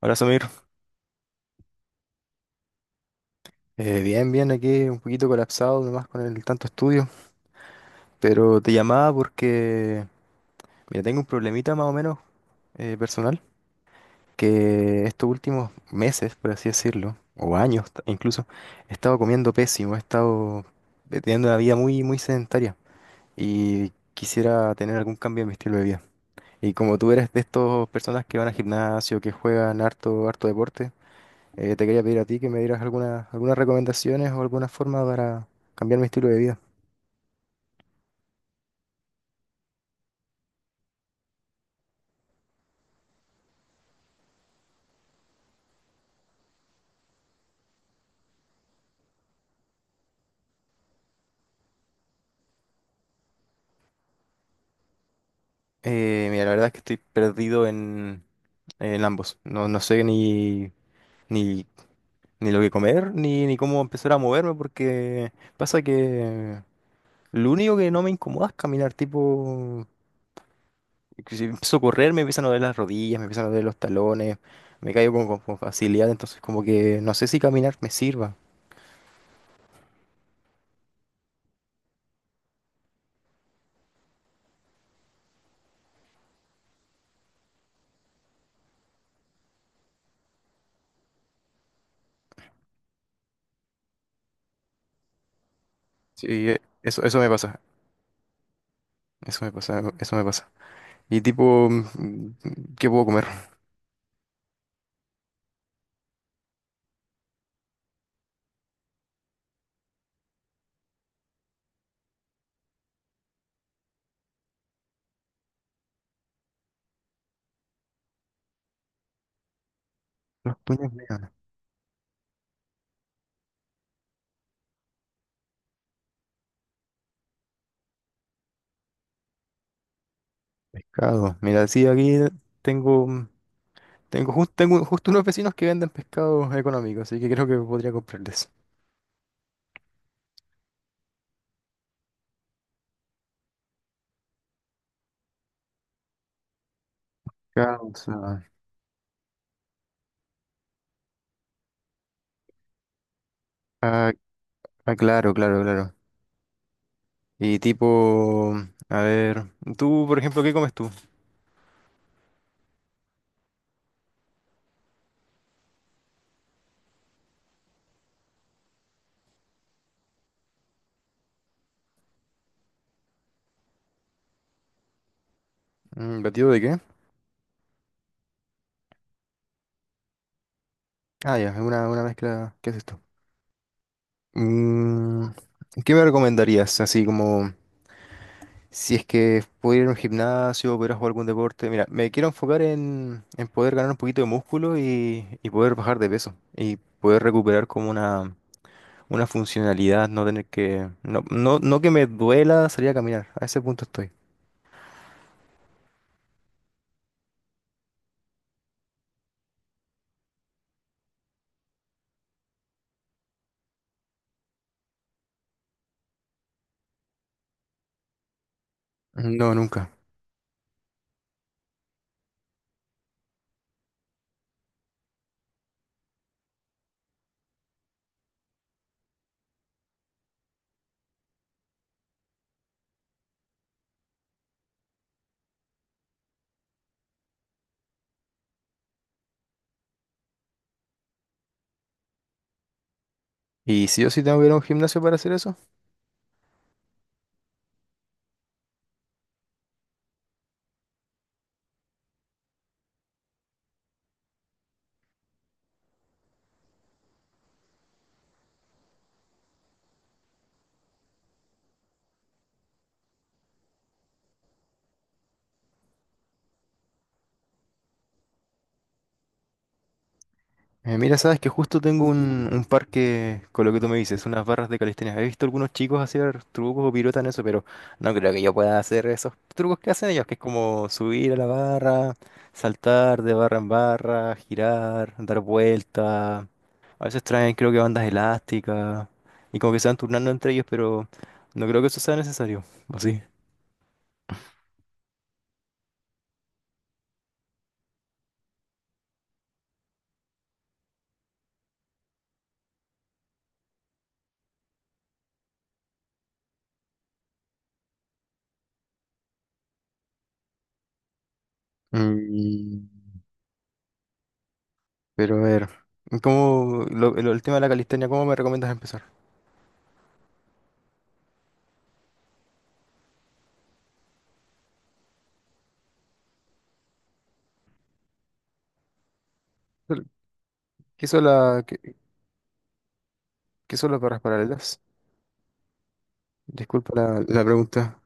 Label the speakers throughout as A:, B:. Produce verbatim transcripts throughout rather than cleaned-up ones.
A: Hola, Samir. Eh, bien, bien, aquí un poquito colapsado nomás con el tanto estudio, pero te llamaba porque, mira, tengo un problemita más o menos eh, personal, que estos últimos meses, por así decirlo, o años ta- incluso, he estado comiendo pésimo, he estado eh, teniendo una vida muy, muy sedentaria y quisiera tener algún cambio en mi estilo de vida. Y como tú eres de estas personas que van al gimnasio, que juegan harto, harto deporte, Eh, te quería pedir a ti que me dieras algunas, algunas recomendaciones o alguna forma para cambiar mi estilo de vida. Eh, mira, la verdad es que estoy perdido en, en ambos. No, no sé ni, ni, ni lo que comer, ni, ni cómo empezar a moverme, porque pasa que lo único que no me incomoda es caminar, tipo, que si empiezo a correr me empiezan a doler las rodillas, me empiezan a doler los talones, me caigo con, con- con facilidad, entonces como que no sé si caminar me sirva. Sí, eh, eso, eso me pasa, eso me pasa, eso me pasa. Y tipo, mm, ¿qué puedo comer? Las tuñas veganas. Pescado. Mira, sí, aquí tengo, mm, tengo, jus- tengo justo unos vecinos que venden pescado económico, así que creo que podría comprarles. Causa. Ah, ah, claro, claro, claro. Y tipo, mm, a ver, tú, por ejemplo, ¿qué comes tú? Mm, ¿batido de qué? Ah, ya, es una, una mezcla. ¿Qué es esto? Mm, ¿qué me recomendarías? Así como. Si es que pudiera ir a un gimnasio, pudiera jugar algún deporte. Mira, me quiero enfocar en, en poder ganar un poquito de músculo y, y poder bajar de peso. Y poder recuperar como una, una funcionalidad, no tener que... No, no, no que me duela salir a caminar. A ese punto estoy. No, nunca. ¿Y si yo sí tengo que ir a un gimnasio para hacer eso? Eh, mira, sabes que justo tengo un, un parque con lo que tú me dices, unas barras de calistenia. He visto algunos chicos hacer trucos o piruetas en eso, pero no creo que yo pueda hacer esos trucos que hacen ellos, que es como subir a la barra, saltar de barra en barra, girar, dar vuelta. A veces traen, creo que bandas elásticas y como que se van turnando entre ellos, pero no creo que eso sea necesario, ¿o sí? Mm, pero a ver, ¿cómo lo- lo- el tema de la calistenia, cómo me recomiendas empezar? ¿Qué hizo la, ¿Qué son las barras paralelas? Disculpa la, la pregunta.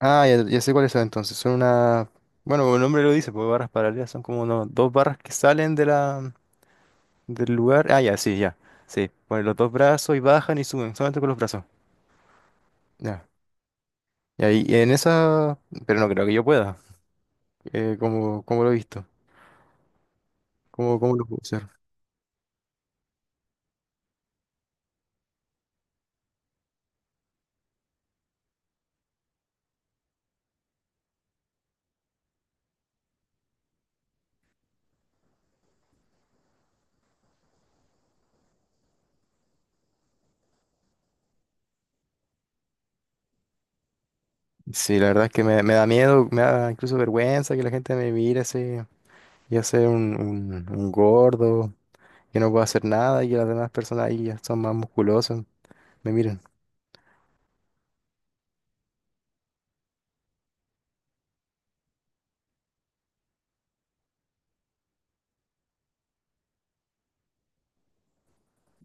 A: Ah, ya, ya sé cuáles son entonces. Son una... Bueno, como el nombre lo dice, pues barras paralelas son como uno- dos barras que salen de la, del lugar. Ah, ya, sí, ya. Sí, ponen los dos brazos y bajan y suben, solamente con los brazos. Ya. Y ahí, y en esa... Pero no creo que yo pueda. Eh, como, como lo he visto. ¿Cómo, cómo lo puedo hacer? Sí, la verdad es que me, me da miedo, me da incluso vergüenza que la gente me mire así. Ya sea un, un, un gordo. Que no puedo hacer nada y que las demás personas ahí ya son más musculosas, me miren.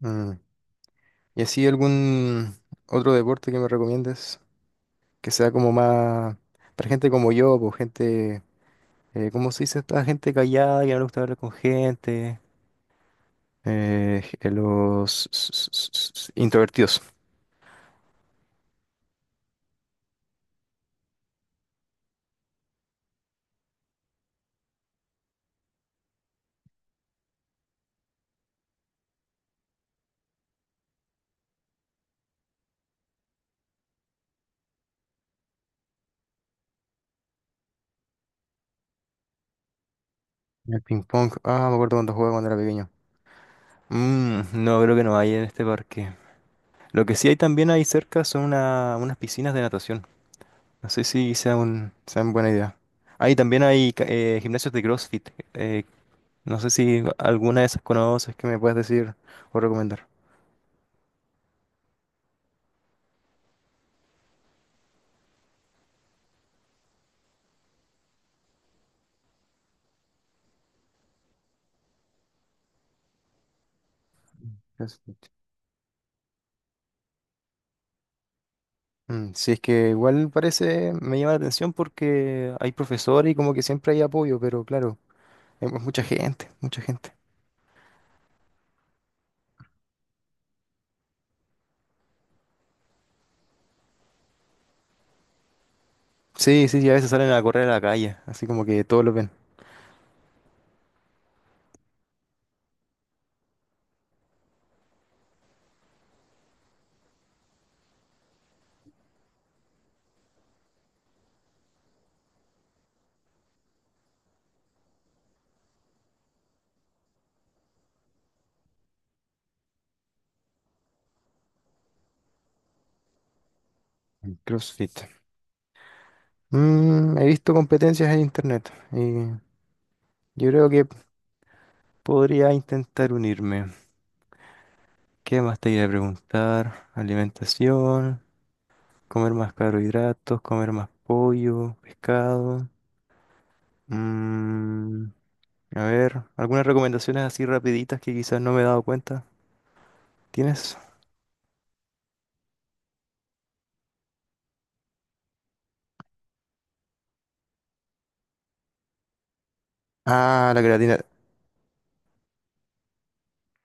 A: Mm. ¿Y así algún otro deporte que me recomiendes que sea como más para gente como yo, pues gente, eh, ¿cómo se dice esta gente callada que no le gusta hablar con gente? Eh, eh, los s- s- s- s- introvertidos. El ping pong. Ah, me acuerdo cuando jugaba cuando era pequeño. Mm, no, creo que no hay en este parque. Lo que sí hay también ahí cerca son una- unas piscinas de natación. No sé si sea un, sea una buena idea. Ahí también hay ca- eh, gimnasios de CrossFit. eh, no sé si alguna de esas conoces que me puedas decir o recomendar. CrossFit. Mm, sí, es que igual parece, me llama la atención porque hay profesores y como que siempre hay apoyo, pero claro, hay mu- mucha gente, mucha gente. Sí, sí, sí, a veces salen a correr a la calle, así como que todos lo ven. Mm, CrossFit. Mm, he visto competencias en internet y yo creo que podría intentar unirme. ¿Qué más te iba a preguntar? Alimentación, comer más carbohidratos, comer más pollo, pescado. Mm, a ver, algunas recomendaciones así rapiditas que quizás no me he dado cuenta. ¿Tienes? Ah, la creatina.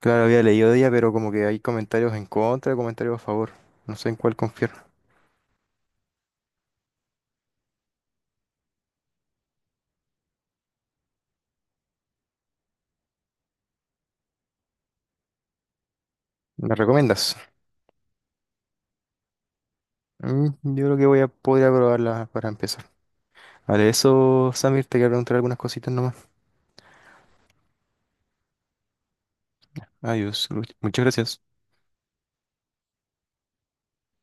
A: Claro, había leído de ella, pero como que hay comentarios en contra, comentarios a favor. No sé en cuál confiar. ¿Me recomiendas? Mm, yo creo que voy a poder probarla para empezar. Vale, eso, Samir, te quería preguntar algunas cositas nomás. Adiós, Luis. Muchas gracias.